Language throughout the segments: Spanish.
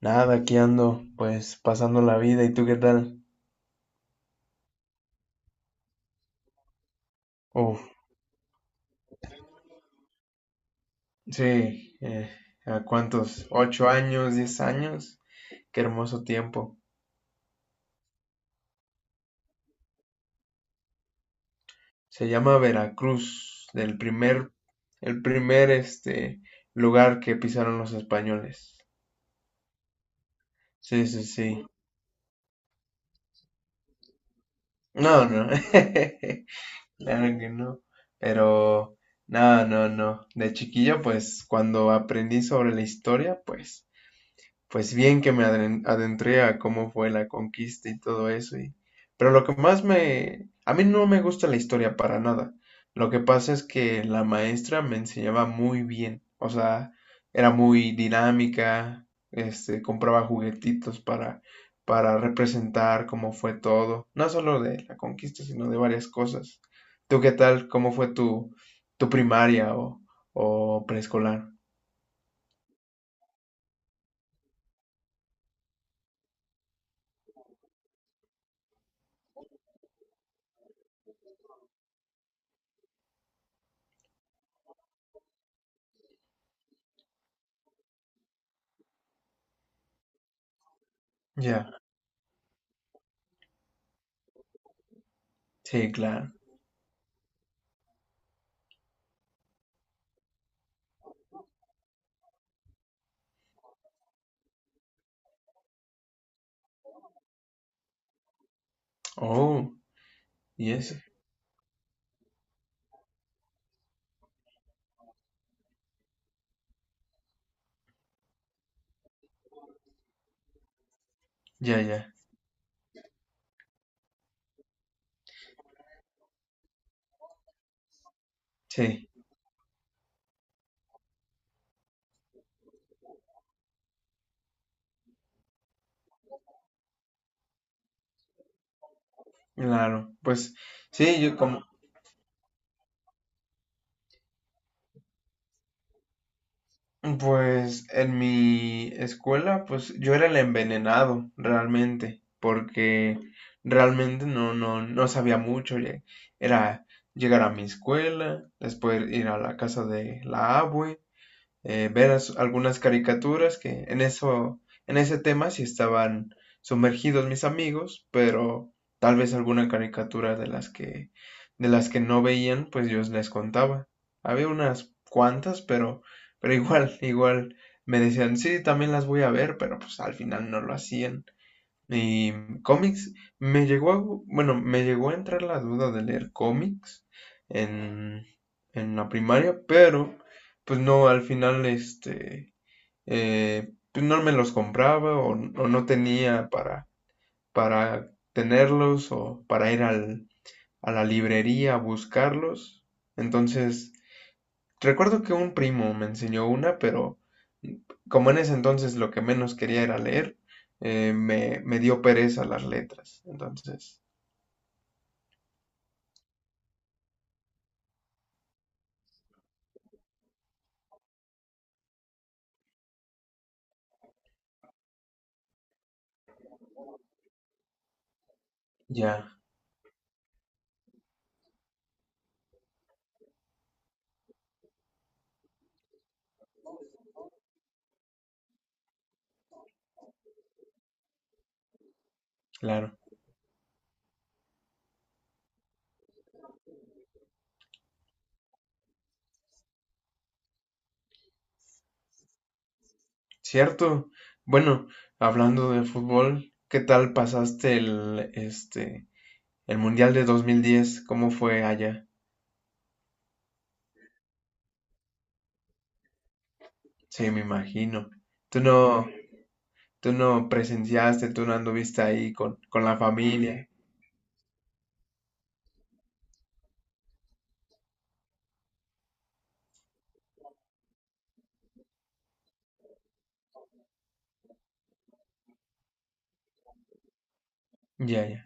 Nada, aquí ando, pues pasando la vida. ¿Y tú qué tal? Uf, sí, ¿a cuántos? ¿Ocho años, diez años? Qué hermoso tiempo. Se llama Veracruz, el primer, lugar que pisaron los españoles. Sí, sí, sí. No, no, claro que no. Pero, no, no, no. De chiquillo, pues, cuando aprendí sobre la historia, pues, pues bien que adentré a cómo fue la conquista y todo eso y pero lo que más me a mí no me gusta la historia para nada. Lo que pasa es que la maestra me enseñaba muy bien, o sea, era muy dinámica, compraba juguetitos para representar cómo fue todo, no solo de la conquista, sino de varias cosas. ¿Tú qué tal? ¿Cómo fue tu primaria o preescolar? Ya. Sí, claro. Oh, y eso. Ya, ya, sí, claro. Pues sí, pues en mi escuela, pues yo era el envenenado realmente, porque realmente no, no, no sabía mucho. Era llegar a mi escuela, después ir a la casa de la abue, ver algunas caricaturas que en ese tema sí estaban sumergidos mis amigos, pero tal vez alguna caricatura de las que no veían, pues yo les contaba. Había unas cuantas, pero igual, igual me decían, sí, también las voy a ver, pero pues al final no lo hacían. Y cómics, me llegó a, gu- bueno, me llegó a entrar la duda de leer cómics en, en la primaria, pero pues no, al final pues no me los compraba o no tenía para tenerlos o para ir a la librería a buscarlos. Entonces, recuerdo que un primo me enseñó una, pero como en ese entonces lo que menos quería era leer, me dio pereza las letras. Entonces, ya, claro. Cierto. Bueno, hablando de fútbol, ¿qué tal pasaste el Mundial de 2010? ¿Cómo fue allá? Sí, me imagino. Tú no, tú no presenciaste, tú no anduviste ahí con la familia. Ya, ya.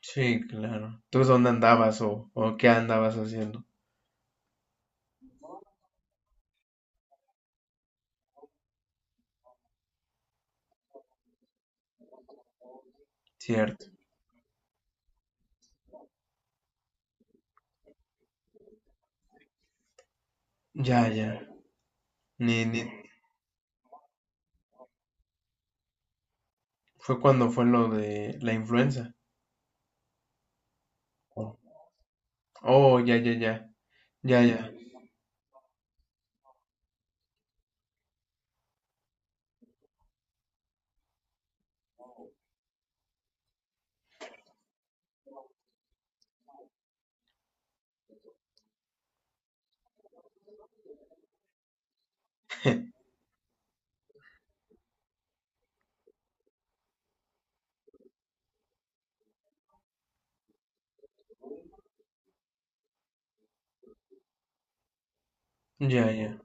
Sí, claro. ¿Tú dónde andabas o qué andabas haciendo? Cierto. Ya, ya. Ni, ni... fue cuando fue lo de la influenza. Oh, ya, ya, ya. Ya, ya. Ya, ya.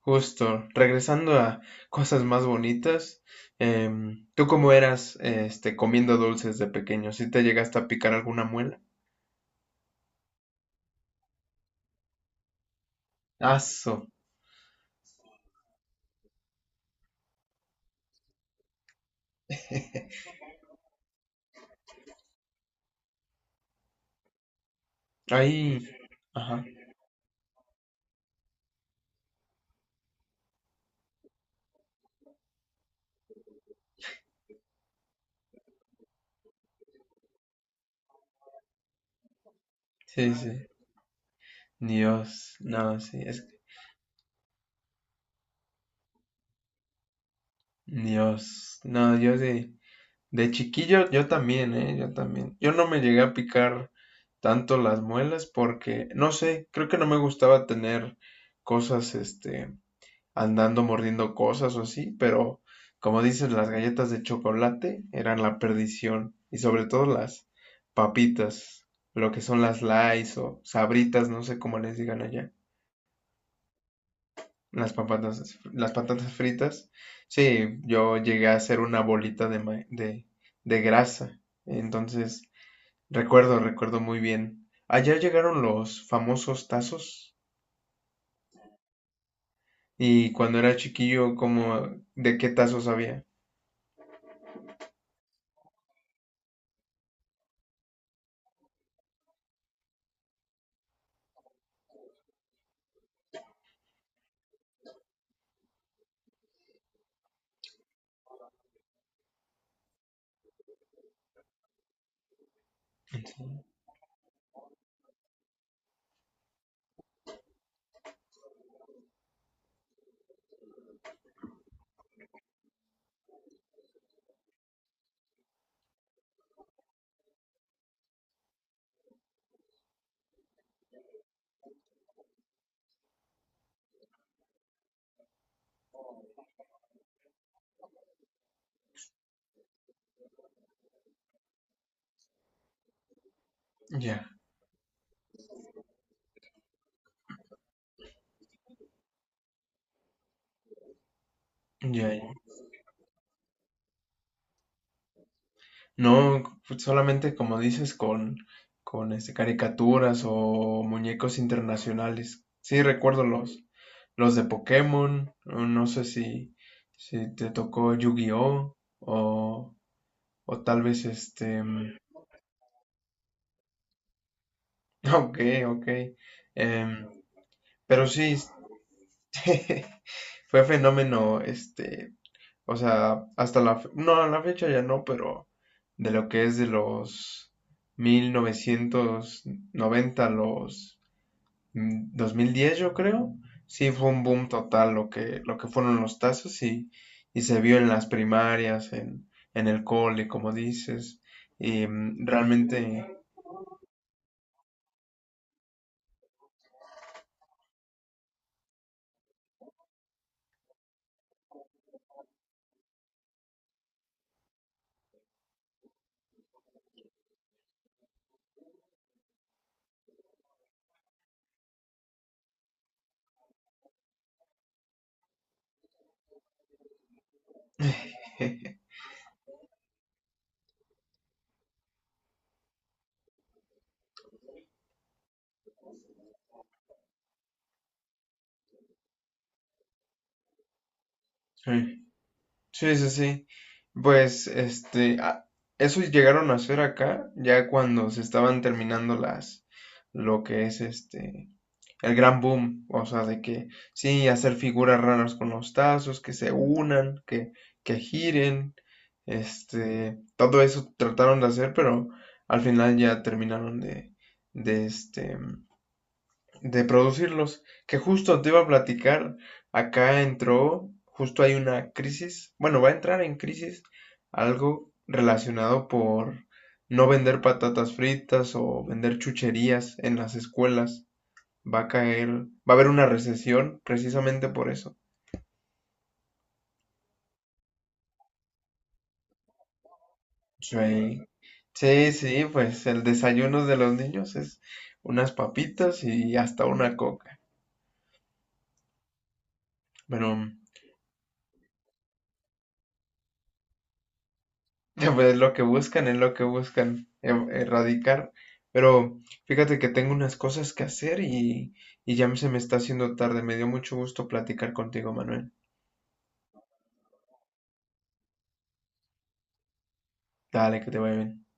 Justo. Regresando a cosas más bonitas. ¿Tú cómo eras comiendo dulces de pequeño? ¿Sí te llegaste a picar alguna muela? Aso. Ahí. Ajá. Sí, sí. Dios. No, sí. Es... Dios. No, yo sí. De chiquillo yo también, ¿eh? Yo también. Yo no me llegué a picar tanto las muelas porque, no sé, creo que no me gustaba tener cosas, este, andando mordiendo cosas o así, pero como dices, las galletas de chocolate eran la perdición y sobre todo las papitas, lo que son las Lays o sabritas, no sé cómo les digan allá, las patatas fritas. Sí, yo llegué a hacer una bolita de grasa, entonces... Recuerdo, recuerdo muy bien. Allá llegaron los famosos tazos y cuando era chiquillo, como de qué tazos había. Ya, ya, ya. No, pues, solamente como dices con caricaturas o muñecos internacionales. Sí, recuerdo los de Pokémon, o no sé si te tocó Yu-Gi-Oh o tal vez ok, ok. Em, pero sí, fue fenómeno, o sea, no, a la fecha ya no, pero de lo que es de los 1990 a los 2010 yo creo, sí fue un boom total lo que fueron los tazos y se vio en las primarias, en el cole, como dices, y realmente, sí, sí, sí. Pues, este, a- Eso llegaron a hacer acá, ya cuando se estaban terminando las, lo que es el gran boom, o sea, de que sí, hacer figuras raras con los tazos, que se unan, que giren, todo eso trataron de hacer, pero al final ya terminaron de este, de producirlos. Que justo te iba a platicar, acá entró, justo hay una crisis, bueno, va a entrar en crisis algo relacionado por no vender patatas fritas o vender chucherías en las escuelas. Va a caer, va a haber una recesión precisamente por eso. Sí, sí, sí, pues el desayuno de los niños es unas papitas y hasta una coca. Pero pues es lo que buscan, es lo que buscan erradicar. Pero fíjate que tengo unas cosas que hacer y ya se me está haciendo tarde. Me dio mucho gusto platicar contigo, Manuel. Dale, que te vaya bien.